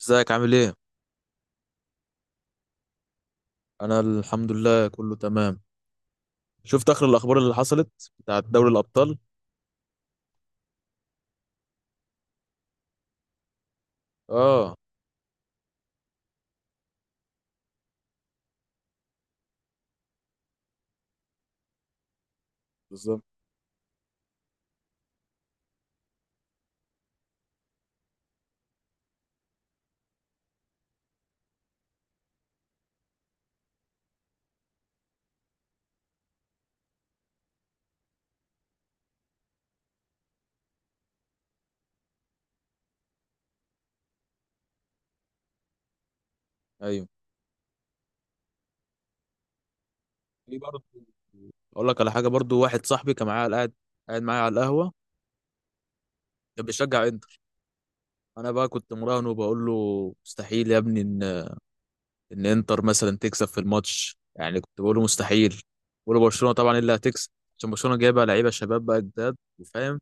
ازيك عامل ايه؟ انا الحمد لله كله تمام. شفت اخر الاخبار اللي حصلت بتاعت دوري الابطال؟ اه. بالظبط. ايوه. في برضه. اقول لك على حاجه برضه، واحد صاحبي كان معايا قاعد، قاعد معايا على القهوه، كان بيشجع انتر. انا بقى كنت مراهنه وبقول له مستحيل يا ابني ان ان انتر مثلا تكسب في الماتش، يعني كنت بقول له مستحيل. بقول له برشلونه طبعا إيه اللي هتكسب؟ عشان برشلونه جايبه لعيبه شباب بقى جداد وفاهم،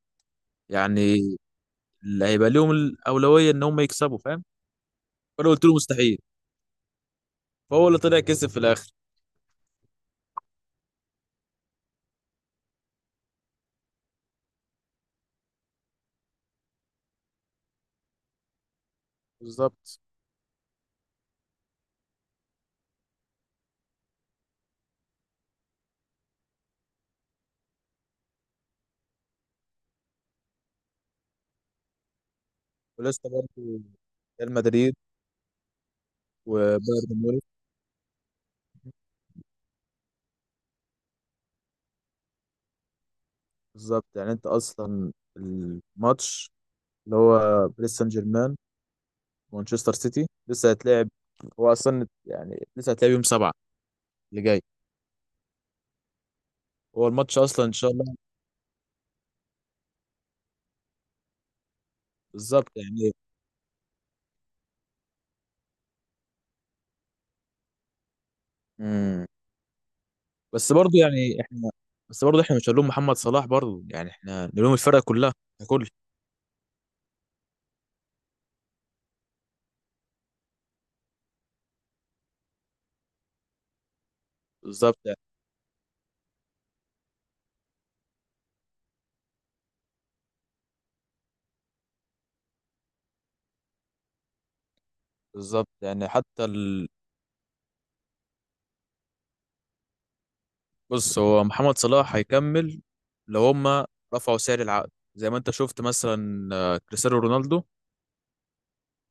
يعني اللي هيبقى ليهم الاولويه ان هم يكسبوا، فاهم؟ فانا قلت له مستحيل، فهو اللي طلع كسب في الاخر. بالظبط. ولسه برضه ريال مدريد وبايرن ميونخ. بالظبط، يعني انت اصلا الماتش اللي هو باريس سان جيرمان ومانشستر سيتي لسه هيتلعب، هو اصلا يعني لسه هيتلعب يوم سبعة اللي جاي، هو الماتش اصلا ان شاء الله. بالظبط يعني. امم. بس برضه يعني احنا، بس برضه احنا مش هنلوم محمد صلاح برضه، يعني احنا نلوم الفرقه كلها ككل. بالظبط يعني. بالظبط يعني حتى. بص، هو محمد صلاح هيكمل لو هما رفعوا سعر العقد، زي ما انت شفت مثلا آه، كريستيانو رونالدو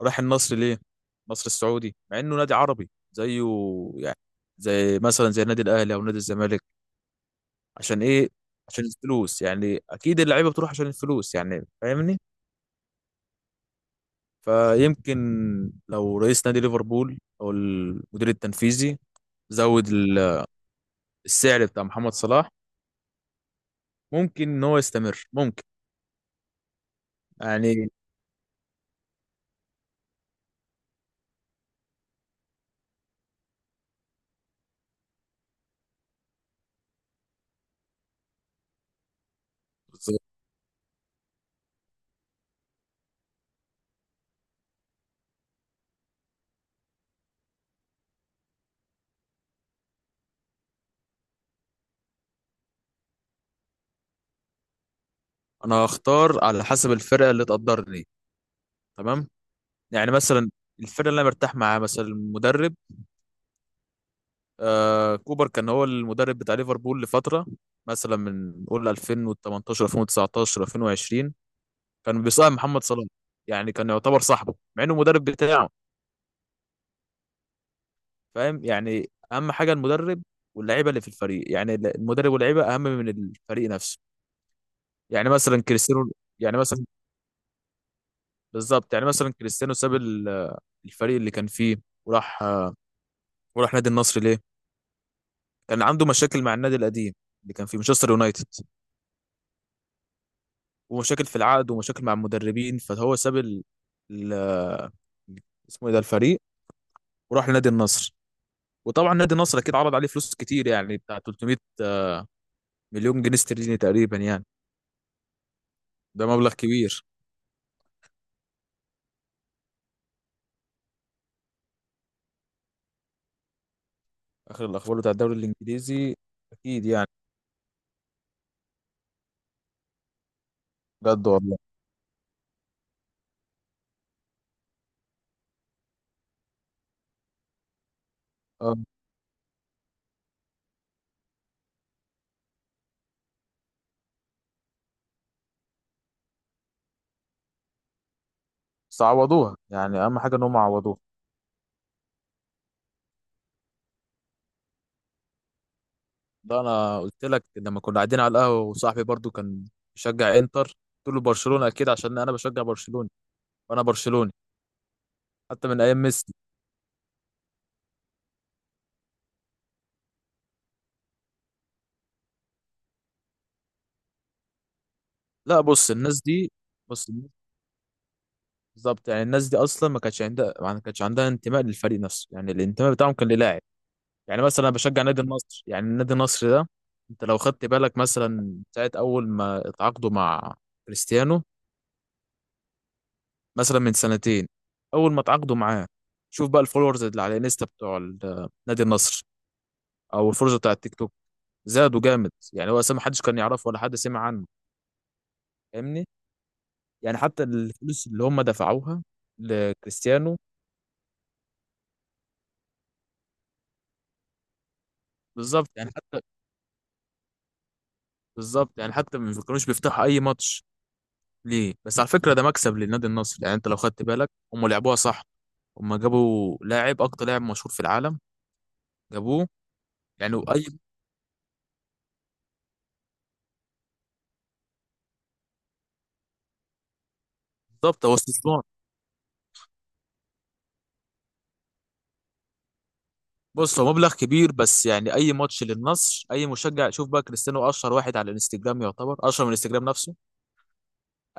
راح النصر ليه؟ النصر السعودي، مع انه نادي عربي زيه، يعني زي مثلا زي النادي الاهلي او نادي الزمالك. عشان ايه؟ عشان الفلوس، يعني اكيد اللعيبه بتروح عشان الفلوس، يعني فاهمني؟ فيمكن لو رئيس نادي ليفربول او المدير التنفيذي زود ال- السعر بتاع محمد صلاح، ممكن ان هو يستمر، ممكن. يعني انا هختار على حسب الفرقه اللي تقدرني، تمام؟ يعني مثلا الفرقه اللي انا مرتاح معاها، مثلا المدرب. آه، كوبر كان هو المدرب بتاع ليفربول لفتره، مثلا من قول 2018 2019 2020، كان بيصاحب محمد صلاح، يعني كان يعتبر صاحبه مع انه المدرب بتاعه. فاهم؟ يعني اهم حاجه المدرب واللعيبه اللي في الفريق، يعني المدرب واللعيبه اهم من الفريق نفسه. يعني مثلا كريستيانو، يعني مثلا، بالظبط يعني مثلا كريستيانو ساب ال- الفريق اللي كان فيه وراح، وراح نادي النصر ليه؟ كان عنده مشاكل مع النادي القديم اللي كان في مانشستر يونايتد، ومشاكل في العقد ومشاكل مع المدربين، فهو ساب ال... ال... اسمه ايه ده الفريق، وراح لنادي النصر. وطبعا نادي النصر اكيد عرض عليه فلوس كتير، يعني بتاع 300 مليون جنيه استرليني تقريبا يعني، ده مبلغ كبير. اخر الاخبار بتاع الدوري الانجليزي، اكيد يعني. بجد والله. اه. بس عوضوها يعني، اهم حاجه ان هم عوضوها. ده انا قلت لك لما كنا قاعدين على القهوه وصاحبي برضو كان بيشجع انتر، قلت له برشلونه اكيد، عشان انا بشجع برشلونه وانا برشلوني حتى من ايام ميسي. لا، بص الناس دي، بص الناس- بالظبط يعني الناس دي اصلا ما كانتش عندها، ما كانتش عندها انتماء للفريق نفسه، يعني الانتماء بتاعهم كان للاعب. يعني مثلا انا بشجع نادي النصر، يعني النادي النصر ده، انت لو خدت بالك مثلا ساعه اول ما اتعاقدوا مع كريستيانو، مثلا من سنتين، اول ما اتعاقدوا معاه، شوف بقى الفولورز اللي على الانستا بتوع ال- نادي النصر، او الفولورز بتاع التيك توك، زادوا جامد يعني. هو أساسا ما حدش كان يعرفه ولا حد سمع عنه، فاهمني؟ يعني حتى الفلوس اللي هم دفعوها لكريستيانو. بالظبط يعني حتى، بالظبط يعني حتى ما كانوش بيفتحوا اي ماتش ليه، بس على فكره ده مكسب للنادي النصر. يعني انت لو خدت بالك هم لعبوها صح، هم جابوا لاعب اكتر لاعب مشهور في العالم، جابوه. يعني اي. بالظبط، هو استثمار. بص، هو مبلغ كبير، بس يعني اي ماتش للنصر اي مشجع، شوف بقى كريستيانو اشهر واحد على الانستجرام، يعتبر اشهر من الانستجرام نفسه.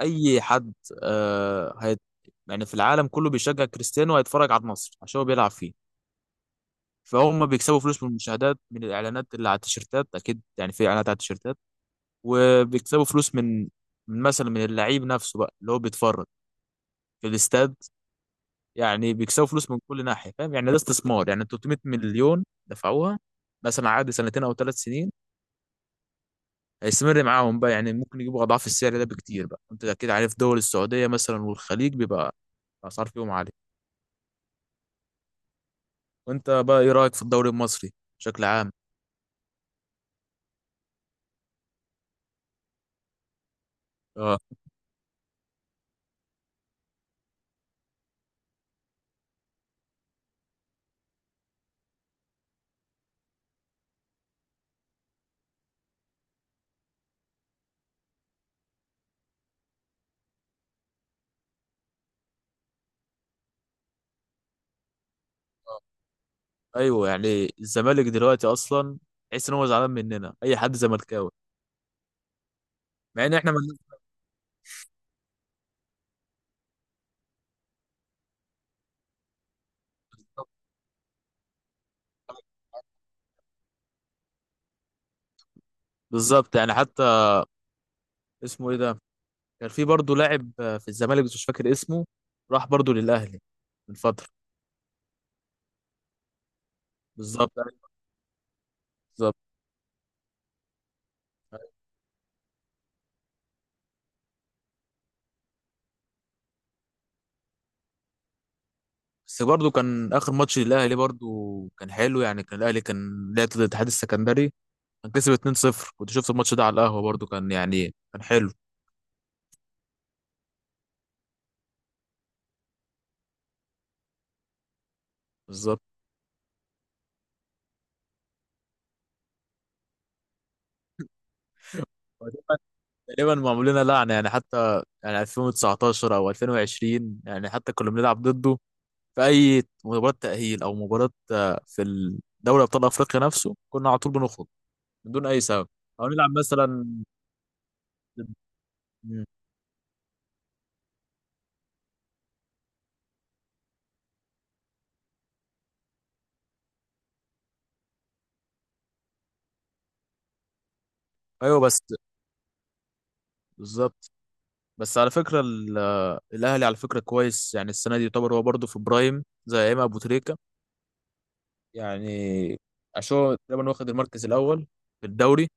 اي حد آه هيت، يعني في العالم كله بيشجع كريستيانو هيتفرج على النصر عشان هو بيلعب فيه، فهم بيكسبوا فلوس من المشاهدات، من الاعلانات اللي على التيشيرتات، اكيد يعني في اعلانات على التيشيرتات. وبيكسبوا فلوس من، من مثلا، من اللعيب نفسه بقى اللي هو بيتفرج في الاستاد. يعني بيكسبوا فلوس من كل ناحيه. فاهم؟ يعني ده استثمار، يعني 300 مليون دفعوها مثلا عقد سنتين او ثلاث سنين، هيستمر معاهم بقى، يعني ممكن يجيبوا اضعاف السعر ده بكتير بقى، انت اكيد عارف دول السعوديه مثلا والخليج بيبقى الاسعار فيهم عاليه. وانت بقى ايه رايك في الدوري المصري بشكل عام؟ آه. ايوه يعني الزمالك دلوقتي اصلا تحس ان هو زعلان مننا اي حد زملكاوي، مع ان احنا من... بالظبط يعني حتى، اسمه ايه ده، كان في برضه لاعب آه، في الزمالك بس مش فاكر اسمه، راح برضه للاهلي من فتره. بالظبط أيوة، بالظبط. بس برضه كان اخر ماتش للاهلي برضه كان حلو، يعني كان الاهلي كان لعب ضد الاتحاد السكندري، كان كسب 2-0، كنت شفت الماتش ده على القهوه برضه، كان يعني كان حلو. بالظبط. تقريبا، تقريباً معمول لنا لعنه، يعني حتى يعني 2019 او 2020 يعني حتى كنا بنلعب ضده في اي مباراه تاهيل او مباراه آه، في الدوري ابطال افريقيا نفسه كنا على طول بنخرج من دون اي سبب، او نلعب مثلا. مم. ايوه بس، بالظبط. بس على فكره ال- الاهلي على فكره كويس، يعني السنه دي يعتبر هو برضه في برايم زي امام ابو تريكه يعني، عشان هو تقريبا واخد المركز الاول في الدوري،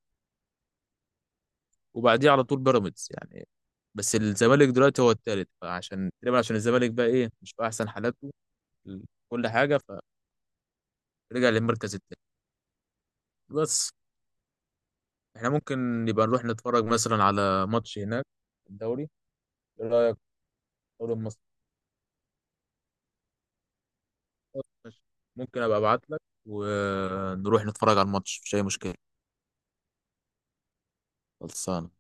وبعديه على طول بيراميدز يعني، بس الزمالك دلوقتي هو الثالث، فعشان تقريبا عشان الزمالك بقى ايه مش في احسن حالاته، ال- كل حاجه، فرجع للمركز الثاني. بس احنا ممكن نبقى نروح نتفرج مثلا على ماتش هناك في الدوري، ايه رايك في الدوري المصري؟ خلاص ماشي. ممكن ابقى ابعت لك ونروح نتفرج على الماتش، مفيش اي مشكله، خلصانه.